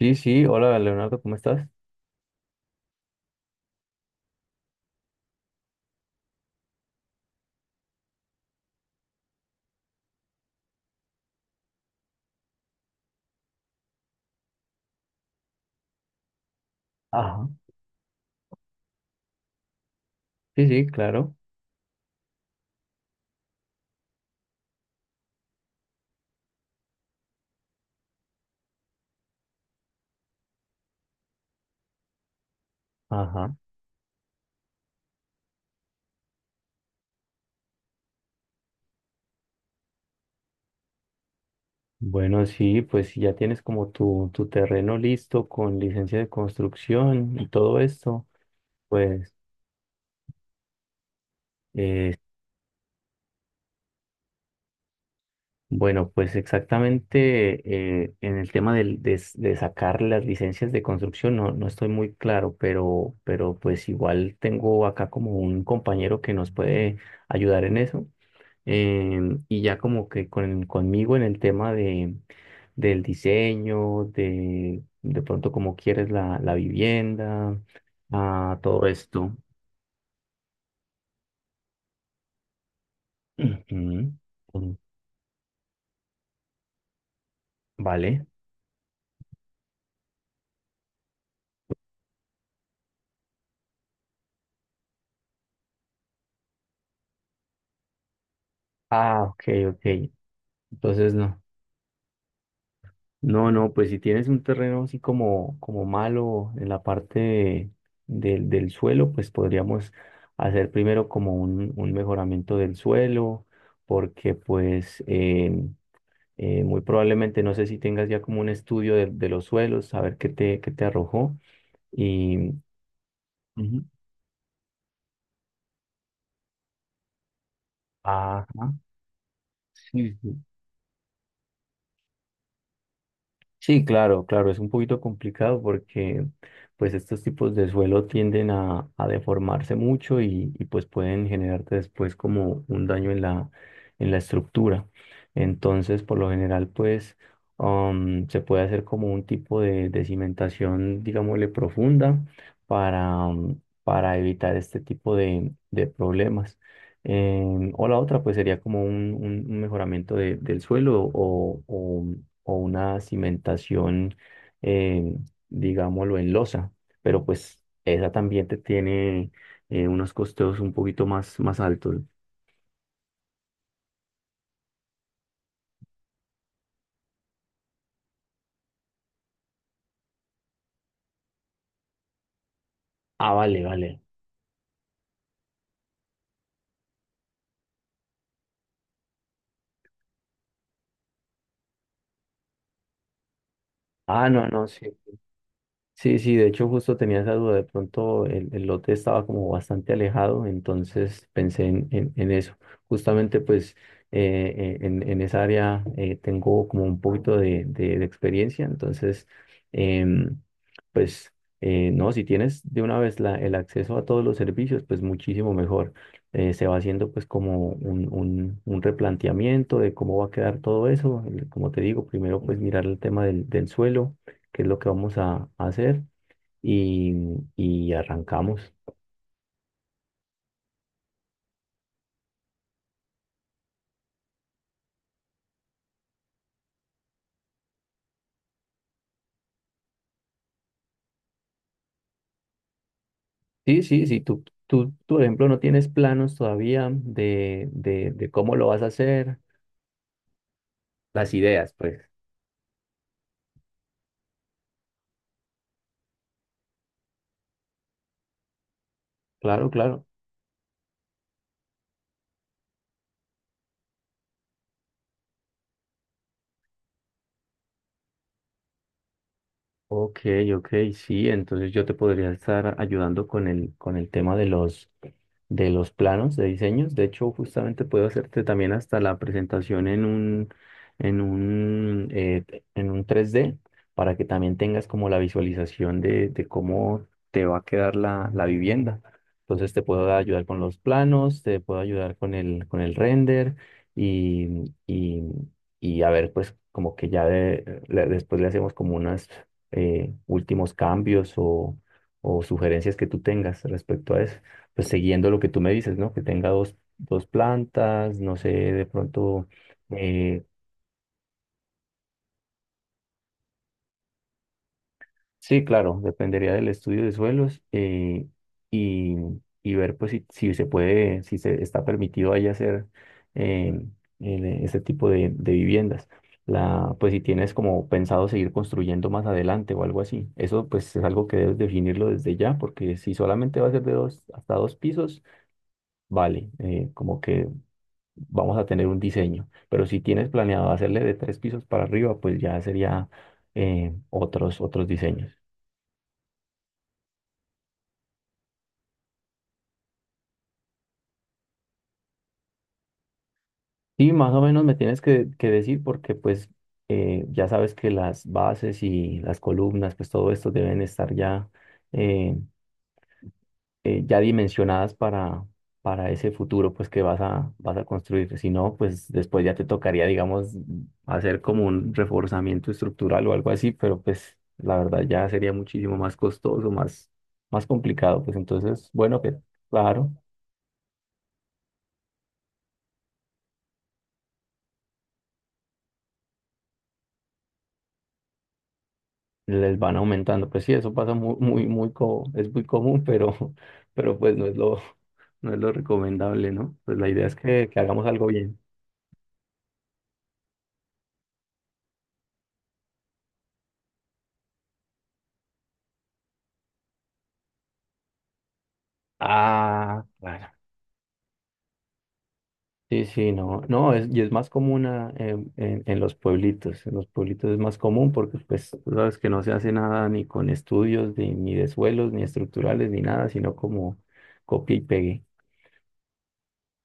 Sí, sí, hola Leonardo, ¿cómo estás? Ajá. Sí, sí, claro. Ajá. Bueno, sí, pues si ya tienes como tu terreno listo con licencia de construcción y todo esto. Pues, eh, bueno, pues exactamente en el tema de sacar las licencias de construcción no, no estoy muy claro, pero pues igual tengo acá como un compañero que nos puede ayudar en eso. Y ya como que conmigo en el tema de, del diseño, de pronto cómo quieres la vivienda, ah, todo esto. Ujú. Mm. Vale. Ah, ok, ok. Entonces no. No, no, pues si tienes un terreno así como, como malo en la parte del suelo, pues podríamos hacer primero como un mejoramiento del suelo, porque pues... muy probablemente, no sé si tengas ya como un estudio de los suelos, saber qué te arrojó. Y, Ujú. Ajá. Sí, sí. Sí, claro, claro, es un poquito complicado porque pues estos tipos de suelo tienden a deformarse mucho y pues pueden generarte después como un daño en la estructura. Entonces, por lo general, pues se puede hacer como un tipo de cimentación, digámosle, profunda para, para evitar este tipo de problemas. O la otra, pues sería como un mejoramiento del suelo o una cimentación, eh, digámoslo, en losa, pero pues esa también te tiene unos costeos un poquito más, más altos. Ah, vale, vale. Ah, no, no, sí. Sí, sí, de hecho justo tenía esa duda, de pronto el lote estaba como bastante alejado, entonces pensé en, en eso. Justamente pues en esa área tengo como un poquito de, de experiencia, entonces em, pues no, si tienes de una vez el acceso a todos los servicios, pues muchísimo mejor. Se va haciendo pues como un replanteamiento de cómo va a quedar todo eso. El- como te digo, primero pues mirar el tema del suelo qué es lo que vamos a hacer y, y arrancamos. Sí, sí, sí, tú, por ejemplo, no tienes planos todavía de cómo lo vas a hacer. Las ideas, pues. Claro, claro. Ok, ok, sí, entonces yo te podría estar ayudando con el tema de los planos de diseños. De hecho, justamente puedo hacerte también hasta la presentación en en un, eh, en un tres d para que también tengas como la visualización de cómo te va a quedar la, la vivienda. Entonces te puedo ayudar con los planos, te puedo ayudar con el render y, y, y a ver, pues como que ya después le hacemos como unas últimos cambios o sugerencias que tú tengas respecto a eso. Pues siguiendo lo que tú me dices, ¿no? Que tenga dos, dos plantas, no sé, de pronto eh, sí, claro, dependería del estudio de suelos y, y ver pues si, si se puede, si se está permitido ahí hacer eh, ese tipo de viviendas. La, pues si tienes como pensado seguir construyendo más adelante o algo así. Eso pues es algo que debes definirlo desde ya, porque si solamente va a ser de dos hasta dos pisos, vale, como que vamos a tener un diseño. Pero si tienes planeado hacerle de tres pisos para arriba, pues ya sería otros, otros diseños. Sí, más o menos me tienes que decir porque pues ya sabes que las bases y las columnas, pues todo esto deben estar ya, eh, ya dimensionadas para ese futuro pues que vas a, vas a construir. Si no, pues después ya te tocaría, digamos, hacer como un reforzamiento estructural o algo así, pero pues la verdad ya sería muchísimo más costoso, más, más complicado. Pues entonces, bueno, pero claro. Les van aumentando. Pues sí, eso pasa muy, muy, muy, es muy común, pero, pero pues no es lo, no es lo recomendable, ¿no? Pues la idea es que hagamos algo bien. Ah, claro. Sí, sí, no, no, es, y es más común ah, en, en los pueblitos es más común porque pues tú sabes que no se hace nada ni con estudios, ni, ni de suelos, ni estructurales, ni nada, sino como copia y pegue.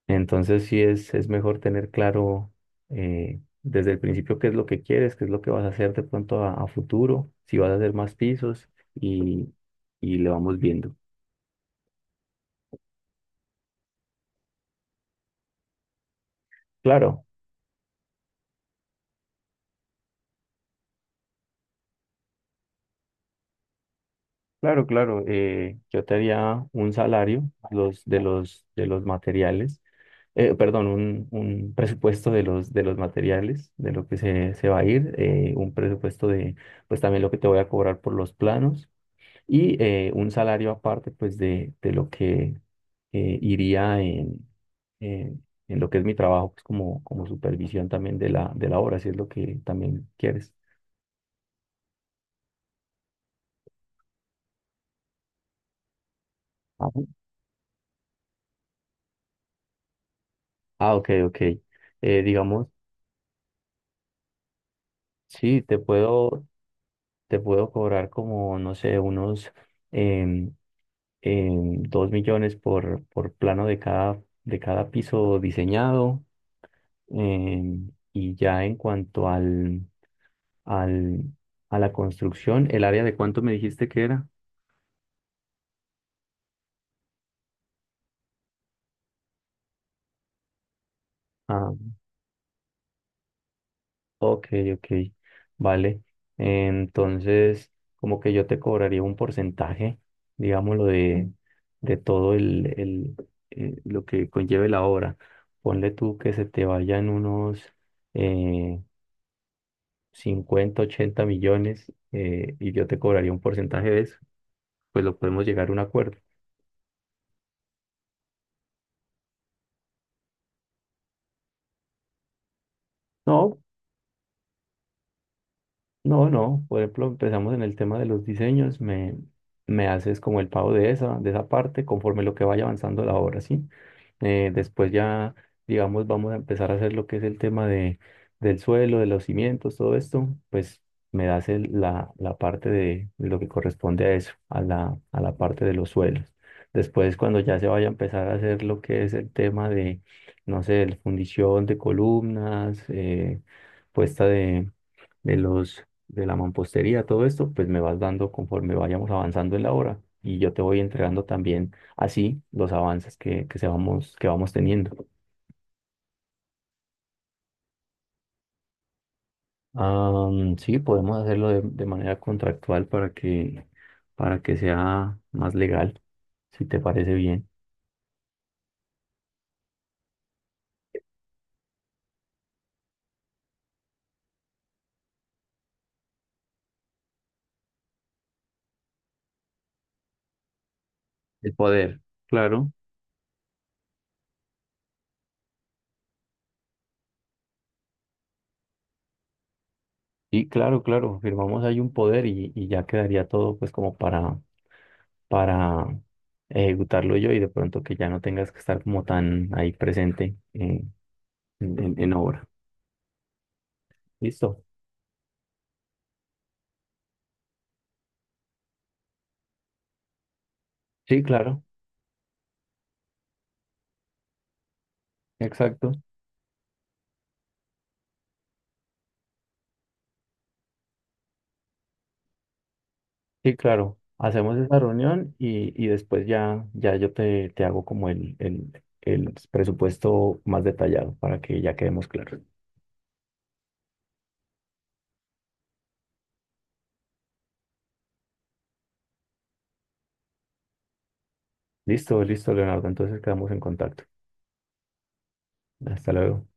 Entonces sí es mejor tener claro desde el principio qué es lo que quieres, qué es lo que vas a hacer de pronto a futuro, si vas a hacer más pisos y, y le vamos viendo. Claro, claro, claro. Yo te haría un salario los, de los, de los materiales, perdón, un presupuesto de los materiales, de lo que se va a ir, un presupuesto de, pues también lo que te voy a cobrar por los planos y un salario aparte pues de lo que iría en lo que es mi trabajo pues como, como supervisión también de la obra, si es lo que también quieres. Ajá. Ah, ok, ok. Digamos, sí, te puedo cobrar como, no sé, unos em, 2 millones por plano de cada piso diseñado. Y ya en cuanto al, al, a la construcción. ¿El área de cuánto me dijiste que era? Ah, ok, ok, vale. Entonces, como que yo te cobraría un porcentaje, digámoslo, de todo el, lo que conlleve la obra. Ponle tú que se te vayan unos eh, 50, 80 millones y yo te cobraría un porcentaje de eso, pues lo podemos llegar a un acuerdo. No. No, no, por ejemplo, empezamos en el tema de los diseños, me haces como el pago de esa parte conforme lo que vaya avanzando la obra, ¿sí? Después ya, digamos, vamos a empezar a hacer lo que es el tema de, del suelo, de los cimientos, todo esto, pues me das la, la parte de lo que corresponde a eso, a la parte de los suelos. Después, cuando ya se vaya a empezar a hacer lo que es el tema de, no sé, el fundición de columnas, puesta de los de la mampostería, todo esto, pues me vas dando conforme vayamos avanzando en la obra y yo te voy entregando también así los avances que, se vamos, que vamos teniendo. Sí, podemos hacerlo de manera contractual para que sea más legal, si te parece bien. El poder. Claro, y claro, claro, firmamos ahí un poder y ya quedaría todo pues como para ejecutarlo yo y de pronto que ya no tengas que estar como tan ahí presente en, en obra. ¿Listo? Sí, claro, exacto. Sí, claro. Hacemos esa reunión y después ya, ya yo te, te hago como el presupuesto más detallado para que ya quedemos claros. Listo, listo, Leonardo. Entonces quedamos en contacto. Hasta luego.